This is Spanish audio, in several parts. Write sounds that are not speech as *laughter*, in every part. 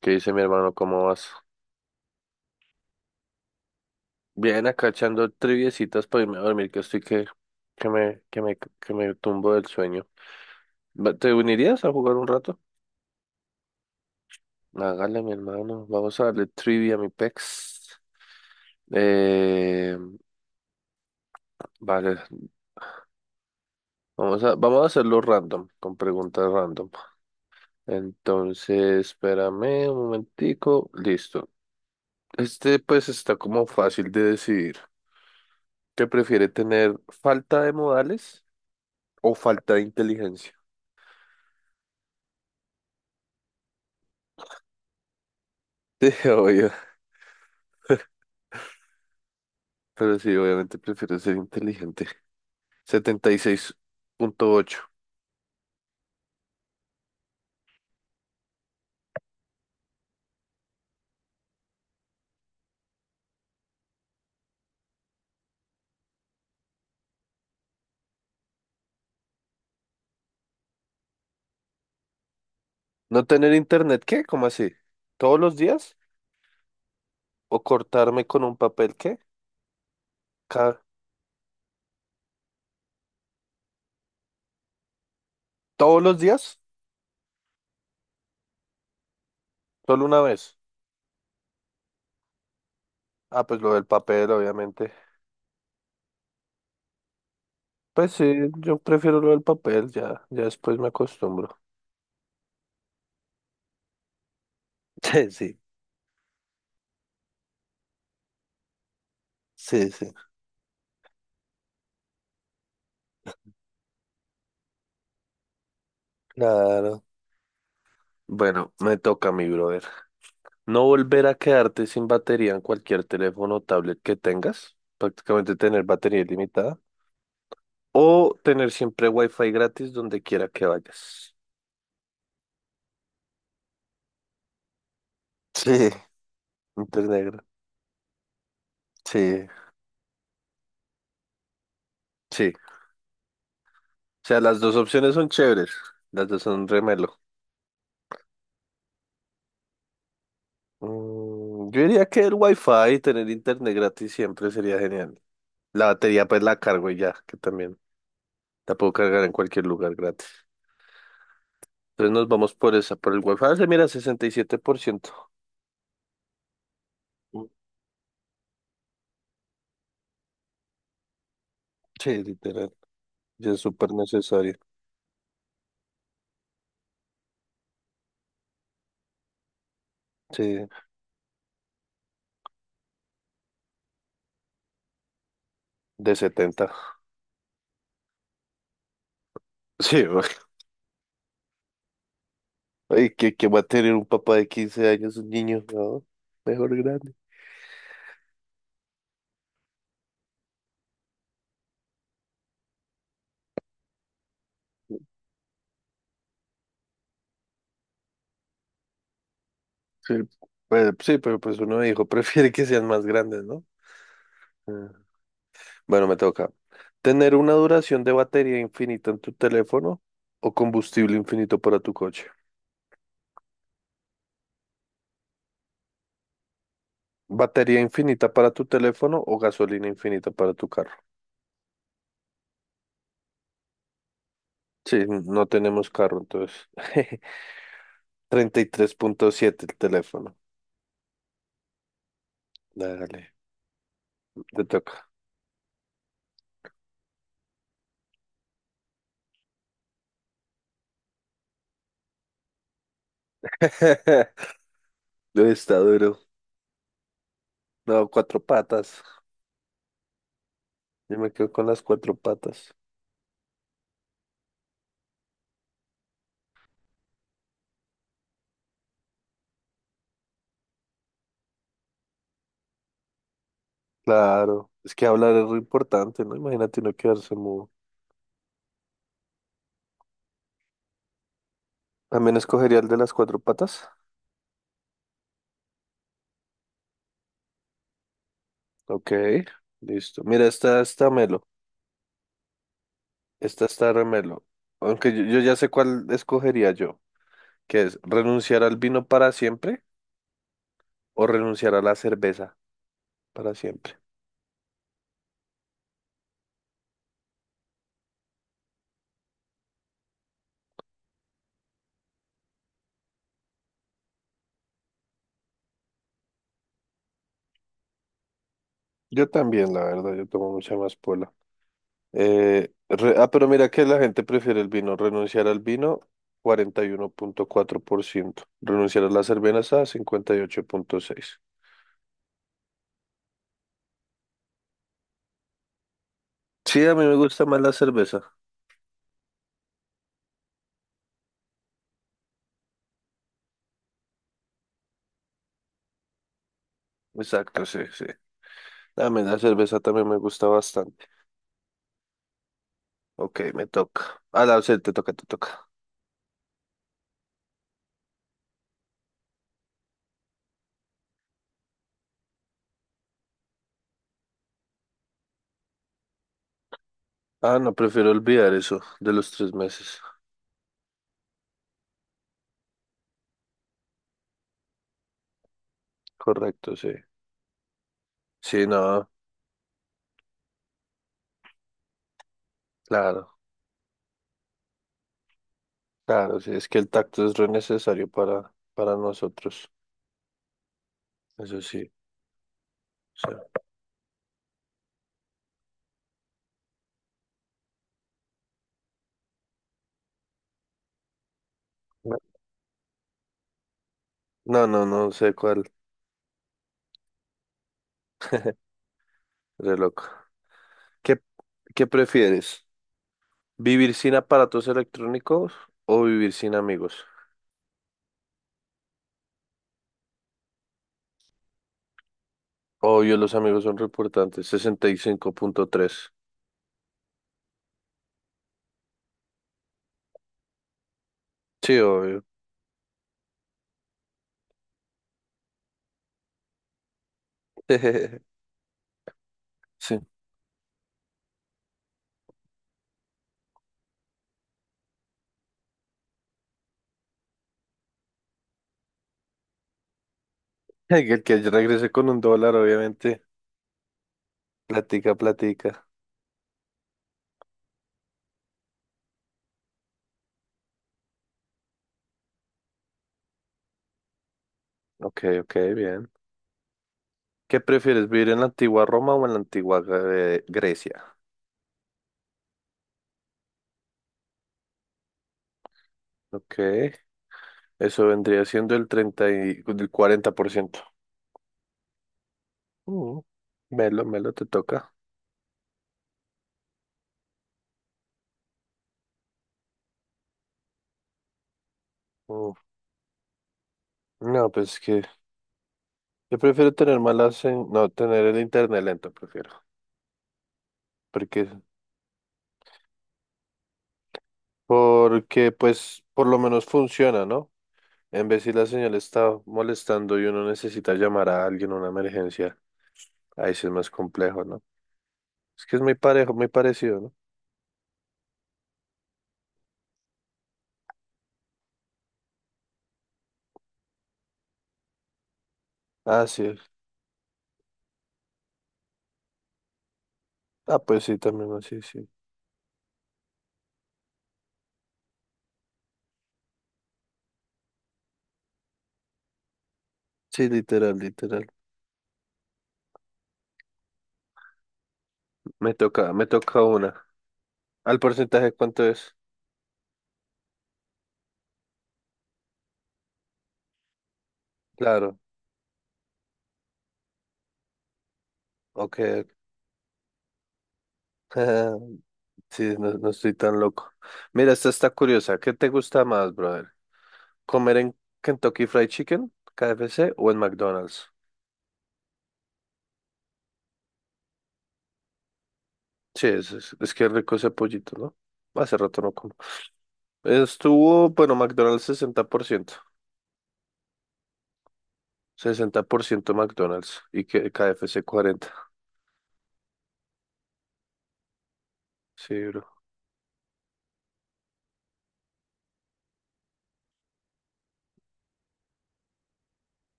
¿Qué dice mi hermano? ¿Cómo vas? Bien, acá echando triviecitas para irme a dormir, que estoy que, que me tumbo del sueño. ¿Te unirías a jugar un rato? Hágale, mi hermano. Vamos a darle trivia a mi pex. Eh, vale, vamos a hacerlo random, con preguntas random. Entonces, espérame un momentico. Listo. Este pues está como fácil de decidir. ¿Qué prefiere tener falta de modales o falta de inteligencia? Sí, *laughs* obvio. Pero sí, obviamente prefiero ser inteligente. 76.8. ¿No tener internet qué? ¿Cómo así? ¿Todos los días? ¿O cortarme con un papel qué? Ca- ¿Todos los días? ¿Solo una vez? Ah, pues lo del papel, obviamente. Pues sí, yo prefiero lo del papel, ya, ya después me acostumbro. *laughs* Sí, sí, sí, sí. Claro. Bueno, me toca, mi brother. No volver a quedarte sin batería en cualquier teléfono o tablet que tengas. Prácticamente tener batería ilimitada. O tener siempre wifi gratis donde quiera que vayas. Sí, Internet. gra- sí. Sí. O sea, las dos opciones son chéveres. Las dos son remelo. Mm, yo diría que el wifi y tener internet gratis siempre sería genial. La batería pues la cargo y ya, que también la puedo cargar en cualquier lugar gratis. Entonces nos vamos por esa, por el wifi. Se mira 67%. Mm, Sí, literal. Ya es súper necesario. Sí, de 70. Sí, *laughs* ay, que va a tener un papá de 15 años, un niño, ¿no? Mejor grande. Sí, pues, sí, pero pues uno dijo, *laughs* prefiere que sean más grandes, ¿no? Ah. Bueno, me toca. ¿Tener una duración de batería infinita en tu teléfono o combustible infinito para tu coche? ¿Batería infinita para tu teléfono o gasolina infinita para tu carro? Sí, no tenemos carro, entonces. *laughs* 33.7 el teléfono. Dale, te toca. *laughs* Lo Está duro. No, cuatro patas. Yo me quedo con las cuatro patas. Claro, es que hablar es muy importante, ¿no? Imagínate uno quedarse mudo. También escogería el de las cuatro patas. Ok, listo. Mira, esta está melo. Esta está remelo. Aunque yo ya sé cuál escogería yo, que es renunciar al vino para siempre o renunciar a la cerveza para siempre. Yo también, la verdad, yo tomo mucha más pola. Pero mira que la gente prefiere el vino. Renunciar al vino, 41.4%. Renunciar a la cerveza, 58.6%. Sí, a mí me gusta más la cerveza. Exacto, sí, sí. A mí la cerveza también me gusta bastante. Ok, me toca. Ah, la, sí, te toca, te toca. Ah, no, prefiero olvidar eso de los 3 meses. Correcto, sí. Sí, no, claro, claro, sí. Es que el tacto es re necesario para nosotros. Eso sí. O sea, no, no sé cuál. Re loco. ¿Qué, qué prefieres? ¿Vivir sin aparatos electrónicos o vivir sin amigos? Obvio, los amigos son re importantes. 65.3. Sí, obvio. *laughs* Sí. El que regrese con un dólar, obviamente. Platica, platica. Ok, ok, bien. ¿Qué prefieres, vivir en la antigua Roma o en la antigua Grecia? Ok, eso vendría siendo el 30 y, el 40%. Mm, melo, melo, te toca. Mm, no, pues que yo prefiero tener malas, no, tener el internet lento, prefiero. Porque, porque pues por lo menos funciona, ¿no? En vez si la señal está molestando y uno necesita llamar a alguien una emergencia, ahí sí es más complejo, ¿no? Es que es muy parejo, muy parecido, ¿no? Ah, sí. Es. Ah, pues sí, también así, sí. Sí, literal, literal. Me toca una. ¿Al porcentaje cuánto es? Claro, ok. *laughs* Sí, no, no estoy tan loco. Mira, esta está curiosa. ¿Qué te gusta más, brother? ¿Comer en Kentucky Fried Chicken, KFC o en McDonald's? Sí, es que rico ese pollito, ¿no? Hace rato no como. Estuvo, bueno, McDonald's 60%, 60% McDonald's y que KFC 40. Sí, bro.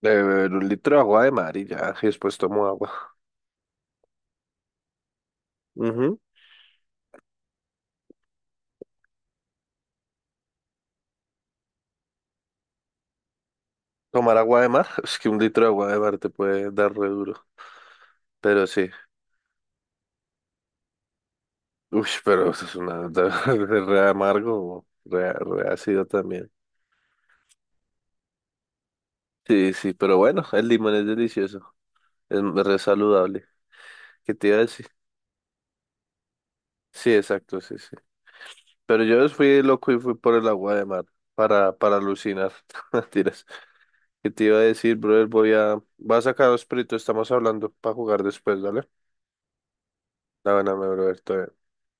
Beber un litro de agua de mar y ya, y después tomo agua. Ujú. Tomar agua de mar, *laughs* es que un litro de agua de mar te puede dar re duro. Pero sí. Uy, pero eso es una *laughs* re amargo, re ácido también. Sí, sí, pero bueno, el limón es delicioso. Es re saludable. ¿Qué te iba a decir? Sí, exacto, sí, sí. Pero yo fui loco y fui por el agua de mar para alucinar. *laughs* Mentiras. ¿Qué te iba a decir, brother? Voy a sacar los peritos, estamos hablando para jugar después, ¿vale? La buena, mi brother, todo bien.